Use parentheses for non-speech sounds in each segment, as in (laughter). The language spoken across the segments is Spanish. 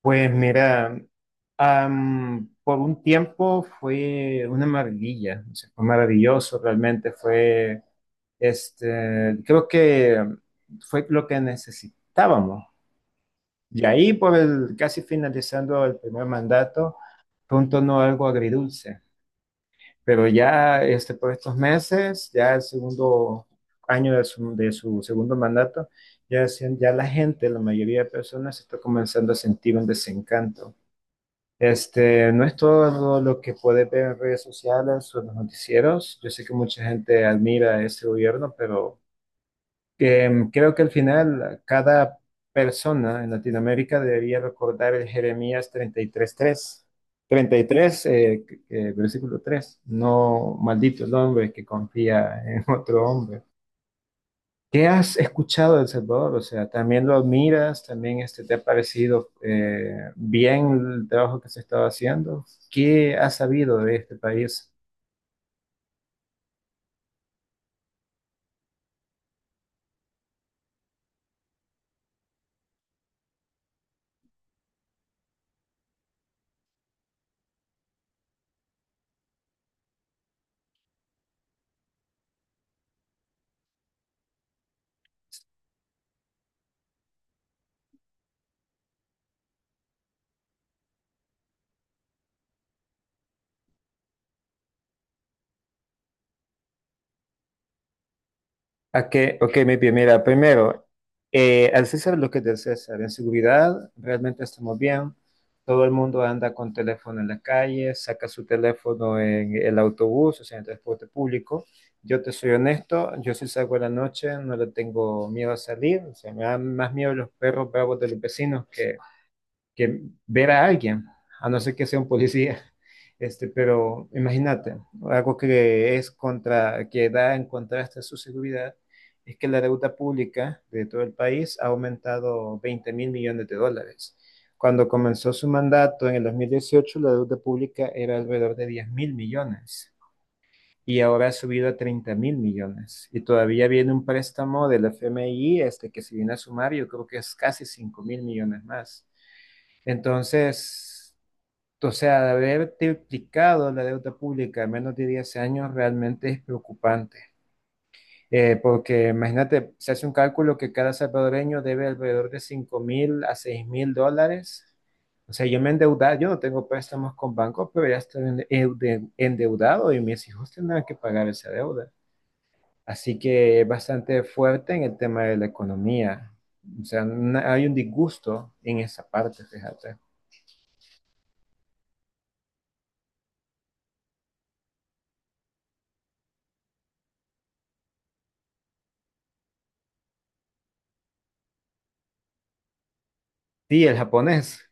Pues mira, por un tiempo fue una maravilla, o sea, fue maravilloso, realmente fue, creo que fue lo que necesitábamos. Y ahí, casi finalizando el primer mandato, fue un tono algo agridulce, pero ya por estos meses, ya el segundo año de su segundo mandato, ya, ya la gente, la mayoría de personas, está comenzando a sentir un desencanto. No es todo lo que puede ver en redes sociales o en los noticieros. Yo sé que mucha gente admira ese gobierno, pero creo que al final cada persona en Latinoamérica debería recordar el Jeremías 33:3. 33, versículo 3: no maldito el hombre que confía en otro hombre. ¿Qué has escuchado de El Salvador? O sea, ¿también lo admiras? ¿También te ha parecido bien el trabajo que se estaba haciendo? ¿Qué has sabido de este país? Okay, ok, muy bien. Mira, primero, al César lo que es del César. En seguridad, realmente estamos bien. Todo el mundo anda con teléfono en la calle, saca su teléfono en el autobús, o sea, en el transporte público. Yo te soy honesto, yo si salgo a la noche no le tengo miedo a salir, o sea, me dan más miedo los perros bravos de los vecinos que ver a alguien, a no ser que sea un policía. (laughs) Pero imagínate, algo que es contra, que da en contraste a su seguridad, es que la deuda pública de todo el país ha aumentado 20.000 millones de dólares. Cuando comenzó su mandato en el 2018 la deuda pública era alrededor de 10.000 millones y ahora ha subido a 30.000 millones. Y todavía viene un préstamo del FMI que se viene a sumar, yo creo que es casi 5.000 millones más. Entonces, o sea, de haber triplicado la deuda pública en menos de 10 años realmente es preocupante. Porque imagínate, se hace un cálculo que cada salvadoreño debe alrededor de 5.000 a 6.000 dólares. O sea, yo me he endeudado, yo no tengo préstamos con bancos, pero ya estoy endeudado y mis hijos tendrán que pagar esa deuda. Así que es bastante fuerte en el tema de la economía. O sea, hay un disgusto en esa parte, fíjate. Sí, el japonés.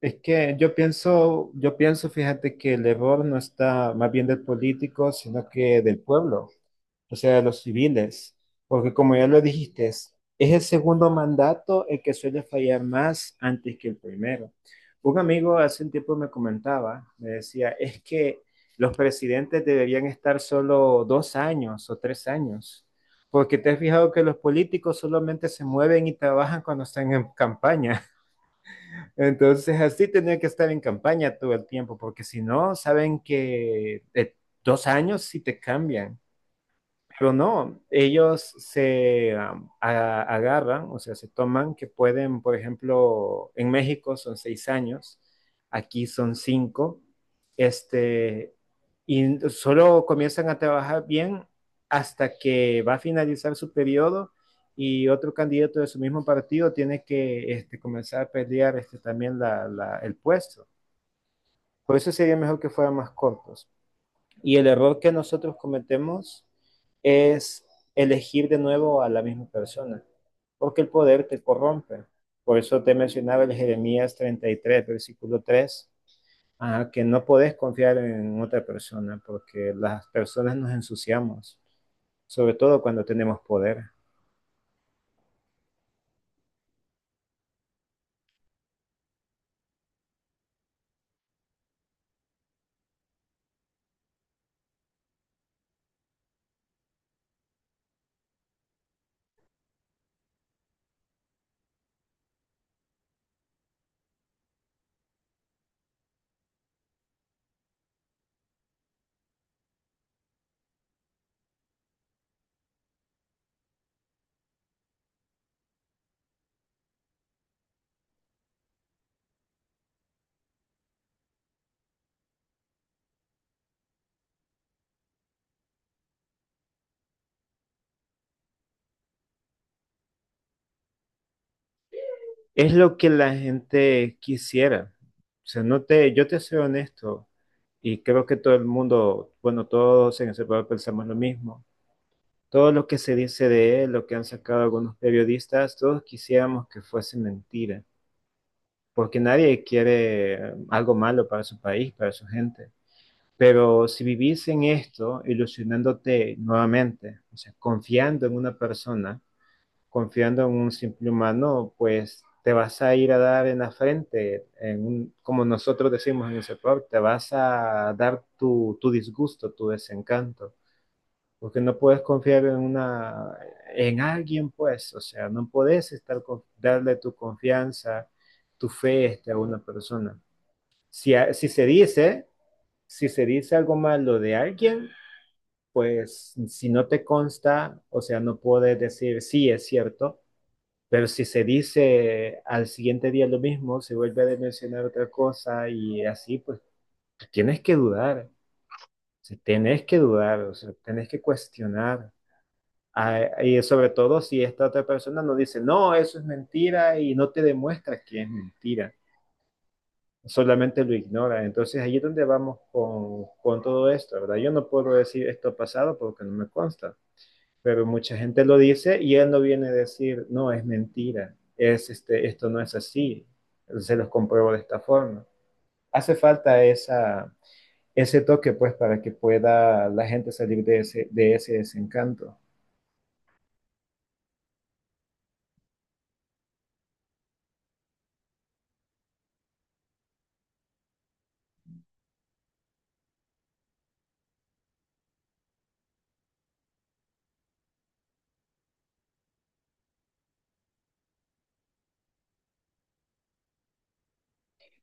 Es que yo pienso, fíjate que el error no está más bien del político, sino que del pueblo, o sea, de los civiles, porque como ya lo dijiste, es el segundo mandato el que suele fallar más antes que el primero. Un amigo hace un tiempo me comentaba, me decía, es que los presidentes deberían estar solo 2 años o 3 años, porque te has fijado que los políticos solamente se mueven y trabajan cuando están en campaña. Entonces, así tenía que estar en campaña todo el tiempo, porque si no, saben que de 2 años sí te cambian. Pero no, ellos se agarran, o sea, se toman que pueden, por ejemplo, en México son 6 años, aquí son cinco, este, y solo comienzan a trabajar bien hasta que va a finalizar su periodo y otro candidato de su mismo partido tiene que comenzar a pelear también el puesto. Por eso sería mejor que fueran más cortos. Y el error que nosotros cometemos es elegir de nuevo a la misma persona, porque el poder te corrompe. Por eso te mencionaba el Jeremías 33:3, que no podés confiar en otra persona, porque las personas nos ensuciamos, sobre todo cuando tenemos poder. Es lo que la gente quisiera. O sea, no te, yo te soy honesto y creo que todo el mundo, bueno, todos en ese pueblo pensamos lo mismo. Todo lo que se dice de él, lo que han sacado algunos periodistas, todos quisiéramos que fuese mentira, porque nadie quiere algo malo para su país, para su gente. Pero si vivís en esto, ilusionándote nuevamente, o sea, confiando en una persona, confiando en un simple humano, pues te vas a ir a dar en la frente, en como nosotros decimos en el sector, te vas a dar tu disgusto, tu desencanto porque no puedes confiar en alguien, pues, o sea, no puedes estar darle tu confianza, tu fe a una persona. Si, si se dice algo malo de alguien, pues si no te consta, o sea, no puedes decir sí, es cierto, pero si se dice al siguiente día lo mismo, se vuelve a mencionar otra cosa y así, pues tienes que dudar, o sea, tienes que dudar, o sea, tienes que cuestionar. Y sobre todo si esta otra persona no dice, no, eso es mentira y no te demuestra que es mentira, solamente lo ignora. Entonces ahí es donde vamos con todo esto, ¿verdad? Yo no puedo decir esto ha pasado porque no me consta, pero mucha gente lo dice y él no viene a decir, no, es mentira, es, esto no es así, se los compruebo de esta forma. Hace falta esa, ese toque pues para que pueda la gente salir de ese desencanto.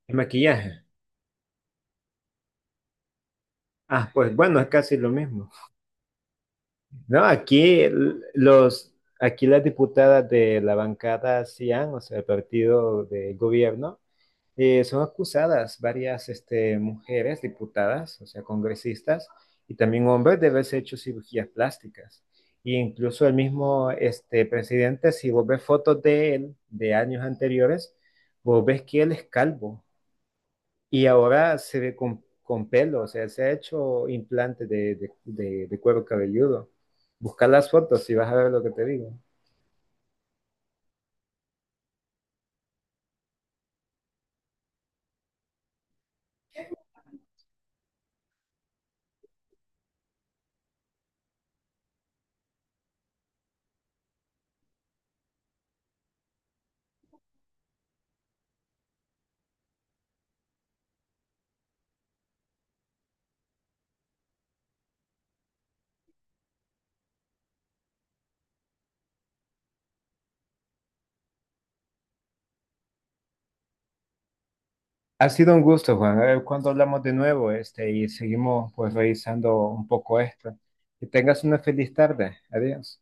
El maquillaje. Ah, pues bueno, es casi lo mismo. No, aquí las diputadas de la bancada CIAN, o sea, el partido de gobierno, son acusadas varias mujeres diputadas, o sea, congresistas, y también hombres de haberse hecho cirugías plásticas. E incluso el mismo presidente, si vos ves fotos de él de años anteriores, vos ves que él es calvo. Y ahora se ve con pelo, o sea, se ha hecho implante de cuero cabelludo. Busca las fotos y vas a ver lo que te digo. Ha sido un gusto, Juan. A ver cuándo hablamos de nuevo, y seguimos pues revisando un poco esto. Que tengas una feliz tarde. Adiós.